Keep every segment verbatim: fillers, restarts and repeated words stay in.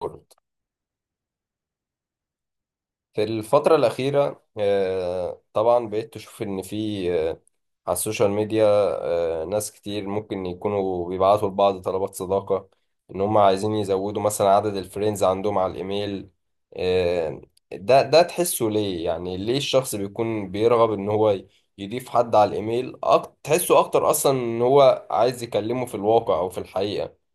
كله في الفترة الأخيرة، آه، طبعا بقيت تشوف إن في آه، على السوشيال ميديا، آه، ناس كتير ممكن يكونوا بيبعتوا لبعض طلبات صداقة، إن هم عايزين يزودوا مثلا عدد الفريندز عندهم على الإيميل. آه، ده ده تحسه ليه؟ يعني ليه الشخص بيكون بيرغب إن هو يضيف حد على الإيميل؟ أك- تحسه أكتر أصلا إن هو عايز يكلمه في الواقع أو في الحقيقة.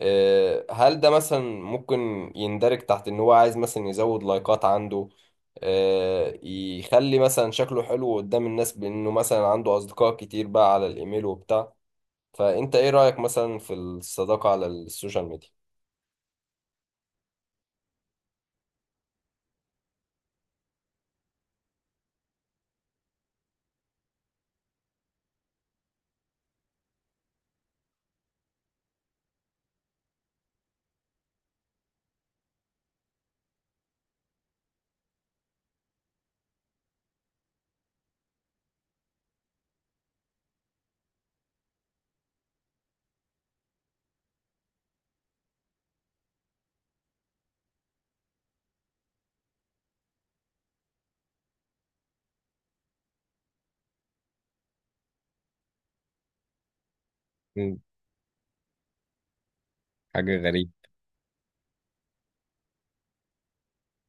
آه، هل ده مثلا ممكن يندرج تحت ان هو عايز مثلا يزود لايكات عنده؟ آه، يخلي مثلا شكله حلو قدام الناس بانه مثلا عنده اصدقاء كتير بقى على الايميل وبتاع. فانت ايه رأيك مثلا في الصداقة على السوشيال ميديا؟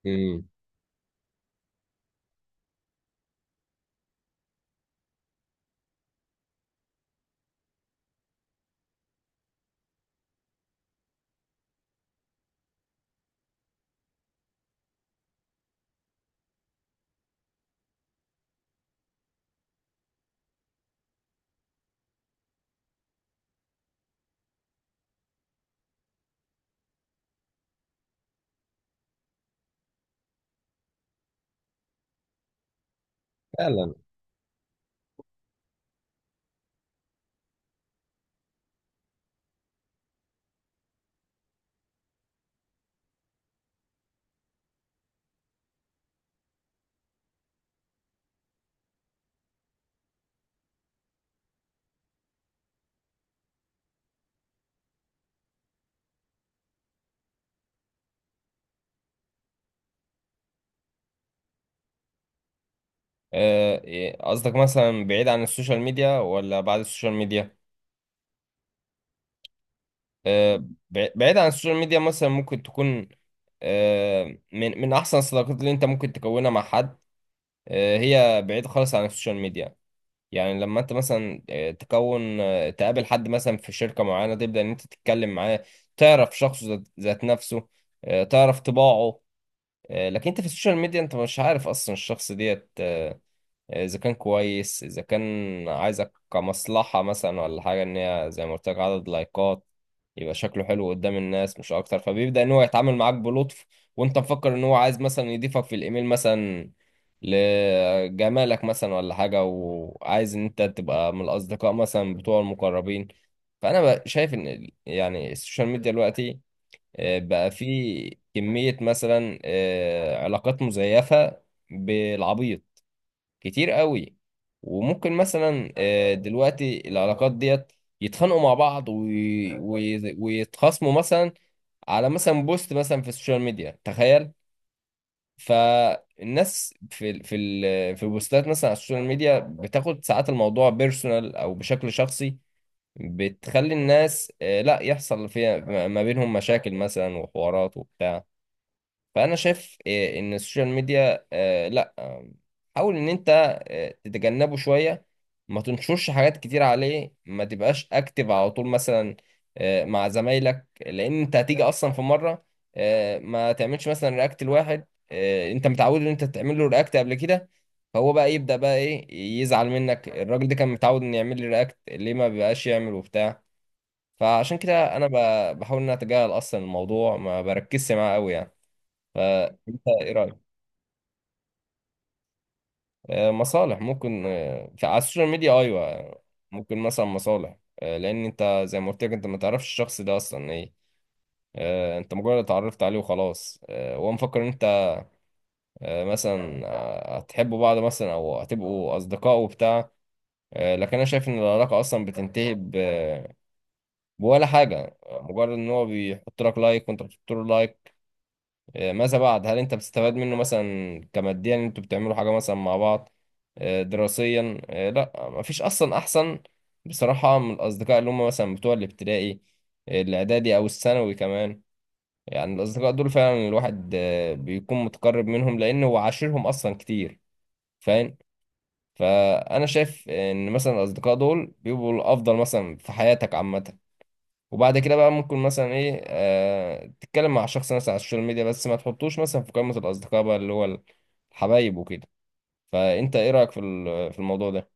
امم. فعلا. آه، إيه، قصدك مثلا بعيد عن السوشيال ميديا ولا بعد السوشيال ميديا؟ آه، بع- بعيد عن السوشيال ميديا مثلا ممكن تكون. آه، من من احسن الصداقات اللي انت ممكن تكونها مع حد آه، هي بعيد خالص عن السوشيال ميديا. يعني لما انت مثلا آه، تكون آه، تقابل حد مثلا في شركة معينة، تبدأ ان انت تتكلم معاه، تعرف شخصه، ذات ذات نفسه، آه، تعرف طباعه. آه، لكن انت في السوشيال ميديا انت مش عارف اصلا الشخص ديت، آه، آه، اذا كان كويس، اذا كان عايزك كمصلحة مثلا ولا حاجة ان هي زي ما قلت لك عدد لايكات، يبقى شكله حلو قدام الناس مش اكتر، فبيبدأ ان هو يتعامل معاك بلطف، وانت مفكر ان هو عايز مثلا يضيفك في الايميل مثلا لجمالك مثلا ولا حاجة، وعايز ان انت تبقى من الاصدقاء مثلا بتوع المقربين. فانا بقى شايف ان ال- يعني السوشيال ميديا دلوقتي آه، بقى فيه كمية مثلا آه، علاقات مزيفة بالعبيط، كتير قوي. وممكن مثلا آه، دلوقتي العلاقات ديت يتخانقوا مع بعض وي- وي- ويتخاصموا مثلا على مثلا بوست مثلا في السوشيال ميديا، تخيل! فالناس في ال في ال في البوستات مثلا على السوشيال ميديا بتاخد ساعات الموضوع بيرسونال او بشكل شخصي، بتخلي الناس، آه، لا يحصل فيها ما ما بينهم مشاكل مثلا وحوارات وبتاع. فانا شايف إيه، ان السوشيال ميديا آه، لا، آم، حاول ان انت آه، تتجنبه شويه، ما تنشرش حاجات كتير عليه، ما تبقاش اكتف على طول مثلا آه، مع زمايلك، لان انت هتيجي اصلا في مره آه، ما تعملش مثلا رياكت لواحد آه، انت متعود ان انت تعمل له رياكت قبل كده، فهو بقى يبدا بقى ايه، يزعل منك الراجل ده كان متعود ان يعمل لي رياكت، ليه ما بيبقاش يعمل وبتاع. فعشان كده انا ب- بحاول ان أنا اتجاهل اصلا الموضوع، ما بركزش معاه قوي يعني. فانت ايه رايك؟ آه، مصالح ممكن آه، في على السوشيال ميديا، ايوه. ممكن مثلا مصالح آه، لان انت زي ما قلت لك انت ما تعرفش الشخص ده اصلا ايه. آه، انت مجرد اتعرفت عليه وخلاص، آه، هو مفكر ان انت آه، مثلا آه، هتحبوا بعض مثلا او هتبقوا اصدقاء وبتاع. آه، لكن انا شايف ان العلاقه اصلا بتنتهي ب- بولا حاجه، مجرد ان هو بيحط لك لايك وانت بتحط له لايك. آه، ماذا بعد؟ هل انت بتستفاد منه مثلا كماديا ان انتوا بتعملوا حاجه مثلا مع بعض؟ آه، دراسيا؟ آه، لا، مفيش اصلا. احسن بصراحه من الاصدقاء اللي هم مثلا بتوع الابتدائي، آه، الاعدادي او الثانوي كمان. يعني الاصدقاء دول فعلا الواحد آه، بيكون متقرب منهم لانه هو عاشرهم اصلا كتير، فاهم؟ فانا شايف ان مثلا الاصدقاء دول بيبقوا الافضل مثلا في حياتك عامه. وبعد كده بقى ممكن مثلا ايه آه تتكلم مع شخص مثلا على السوشيال ميديا، بس ما تحطوش مثلا في قائمة الأصدقاء بقى اللي هو الحبايب وكده. فأنت ايه رأيك في ال- في الموضوع ده؟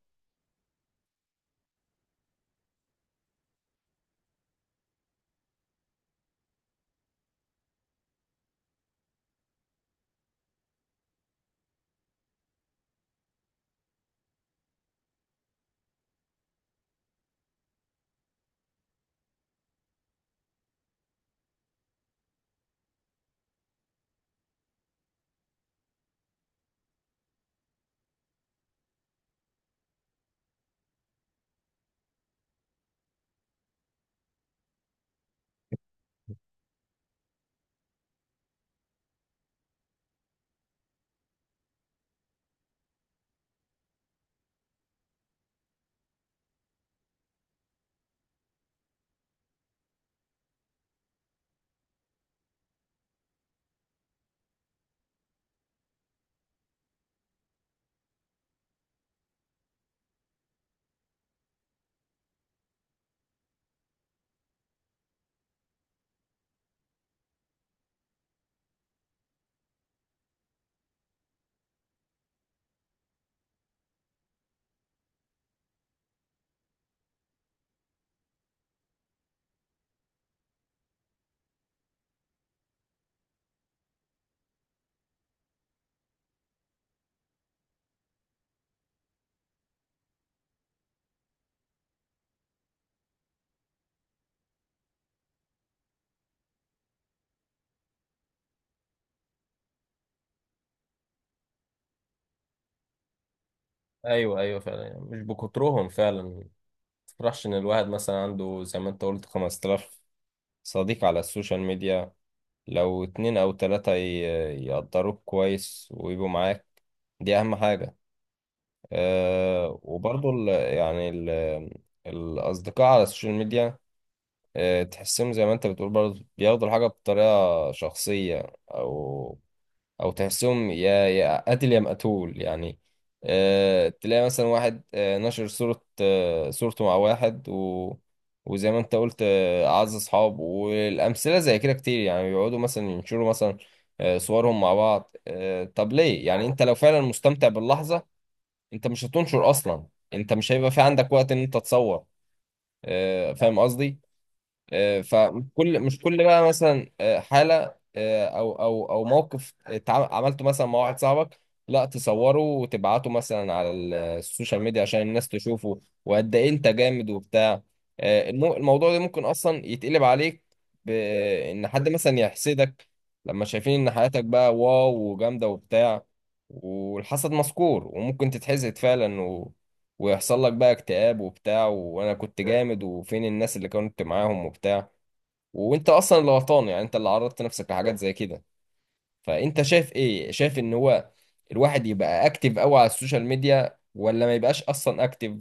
ايوه، ايوه، فعلا، يعني مش بكترهم فعلا، ما تفرحش ان الواحد مثلا عنده زي ما انت قلت خمستلاف صديق على السوشيال ميديا. لو اتنين او تلاتة ي- يقدروك كويس ويبقوا معاك، دي اهم حاجة. أه وبرضو ال يعني ال الأصدقاء على السوشيال ميديا آه، تحسهم زي ما انت بتقول برضه بياخدوا الحاجة بطريقة شخصية، او او تحسهم يا يا قاتل يا مقتول يعني. آه، تلاقي مثلا واحد آه، نشر صورة آه، صورته مع واحد، و وزي ما انت قلت آه، اعز اصحاب، والامثله زي كده كتير يعني، بيقعدوا مثلا ينشروا مثلا آه، صورهم مع بعض. آه، طب ليه؟ يعني انت لو فعلا مستمتع باللحظه انت مش هتنشر اصلا، انت مش هيبقى في عندك وقت ان انت تصور. آه، فاهم قصدي؟ آه، فكل مش كل بقى مثلا آه، حالة آه، او او او موقف اتع- عملته مثلا مع واحد صاحبك، لا تصوره وتبعته مثلا على ال- السوشيال ميديا عشان الناس تشوفه وقد ايه انت جامد وبتاع. آه، المو- الموضوع ده ممكن اصلا يتقلب عليك بان حد مثلا يحسدك لما شايفين ان حياتك بقى واو وجامدة وبتاع. والحسد مذكور وممكن تتحسد فعلا، ويحصل لك بقى اكتئاب وبتاع، وانا كنت جامد وفين الناس اللي كنت معاهم وبتاع، وانت اصلا اللي غلطان يعني، انت اللي عرضت نفسك لحاجات زي كده. فانت شايف ايه؟ شايف ان هو الواحد يبقى اكتف قوي على السوشيال ميديا ولا ما يبقاش اصلا اكتف؟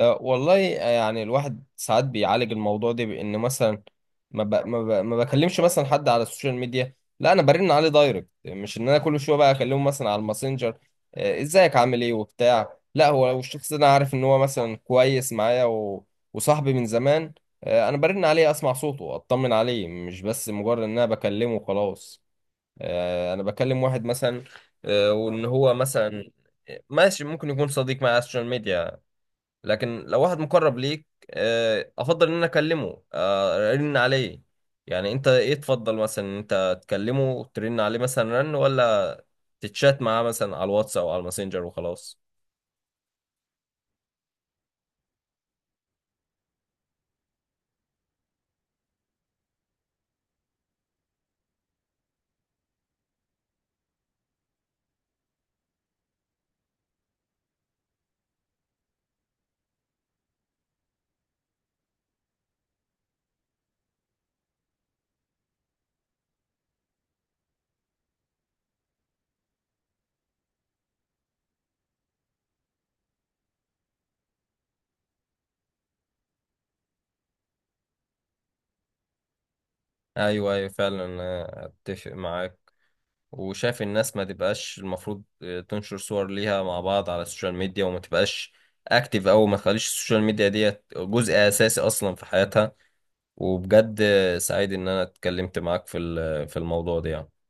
آه، والله آه، يعني الواحد ساعات بيعالج الموضوع ده بان مثلا ما ب... ما, ب... ما بكلمش مثلا حد على السوشيال ميديا، لا انا برن عليه دايركت، مش ان انا كل شويه بقى اكلمه مثلا على الماسنجر آه، ازيك عامل ايه وبتاع. لا هو لو الشخص ده انا عارف ان هو مثلا كويس معايا و... وصاحبي من زمان، آه، انا برن عليه اسمع صوته اطمن عليه، مش بس مجرد ان انا بكلمه وخلاص. آه، انا بكلم واحد مثلا آه، وان هو مثلا آه، ماشي ممكن يكون صديق معايا على السوشيال ميديا، لكن لو واحد مقرب ليك آه، افضل ان انا اكلمه آه، ارن عليه. يعني انت ايه تفضل؟ مثلا انت تكلمه وترن عليه مثلا رن، ولا تتشات معاه مثلا على الواتس او على الماسنجر وخلاص؟ ايوه، ايوه، فعلا أنا اتفق معاك، وشايف الناس ما تبقاش المفروض آه، تنشر صور ليها مع بعض على السوشيال ميديا، وما تبقاش اكتيف، او ما تخليش السوشيال ميديا ديت جزء اساسي اصلا في حياتها. وبجد آه، سعيد ان انا اتكلمت معاك في ال- في الموضوع ده يعني.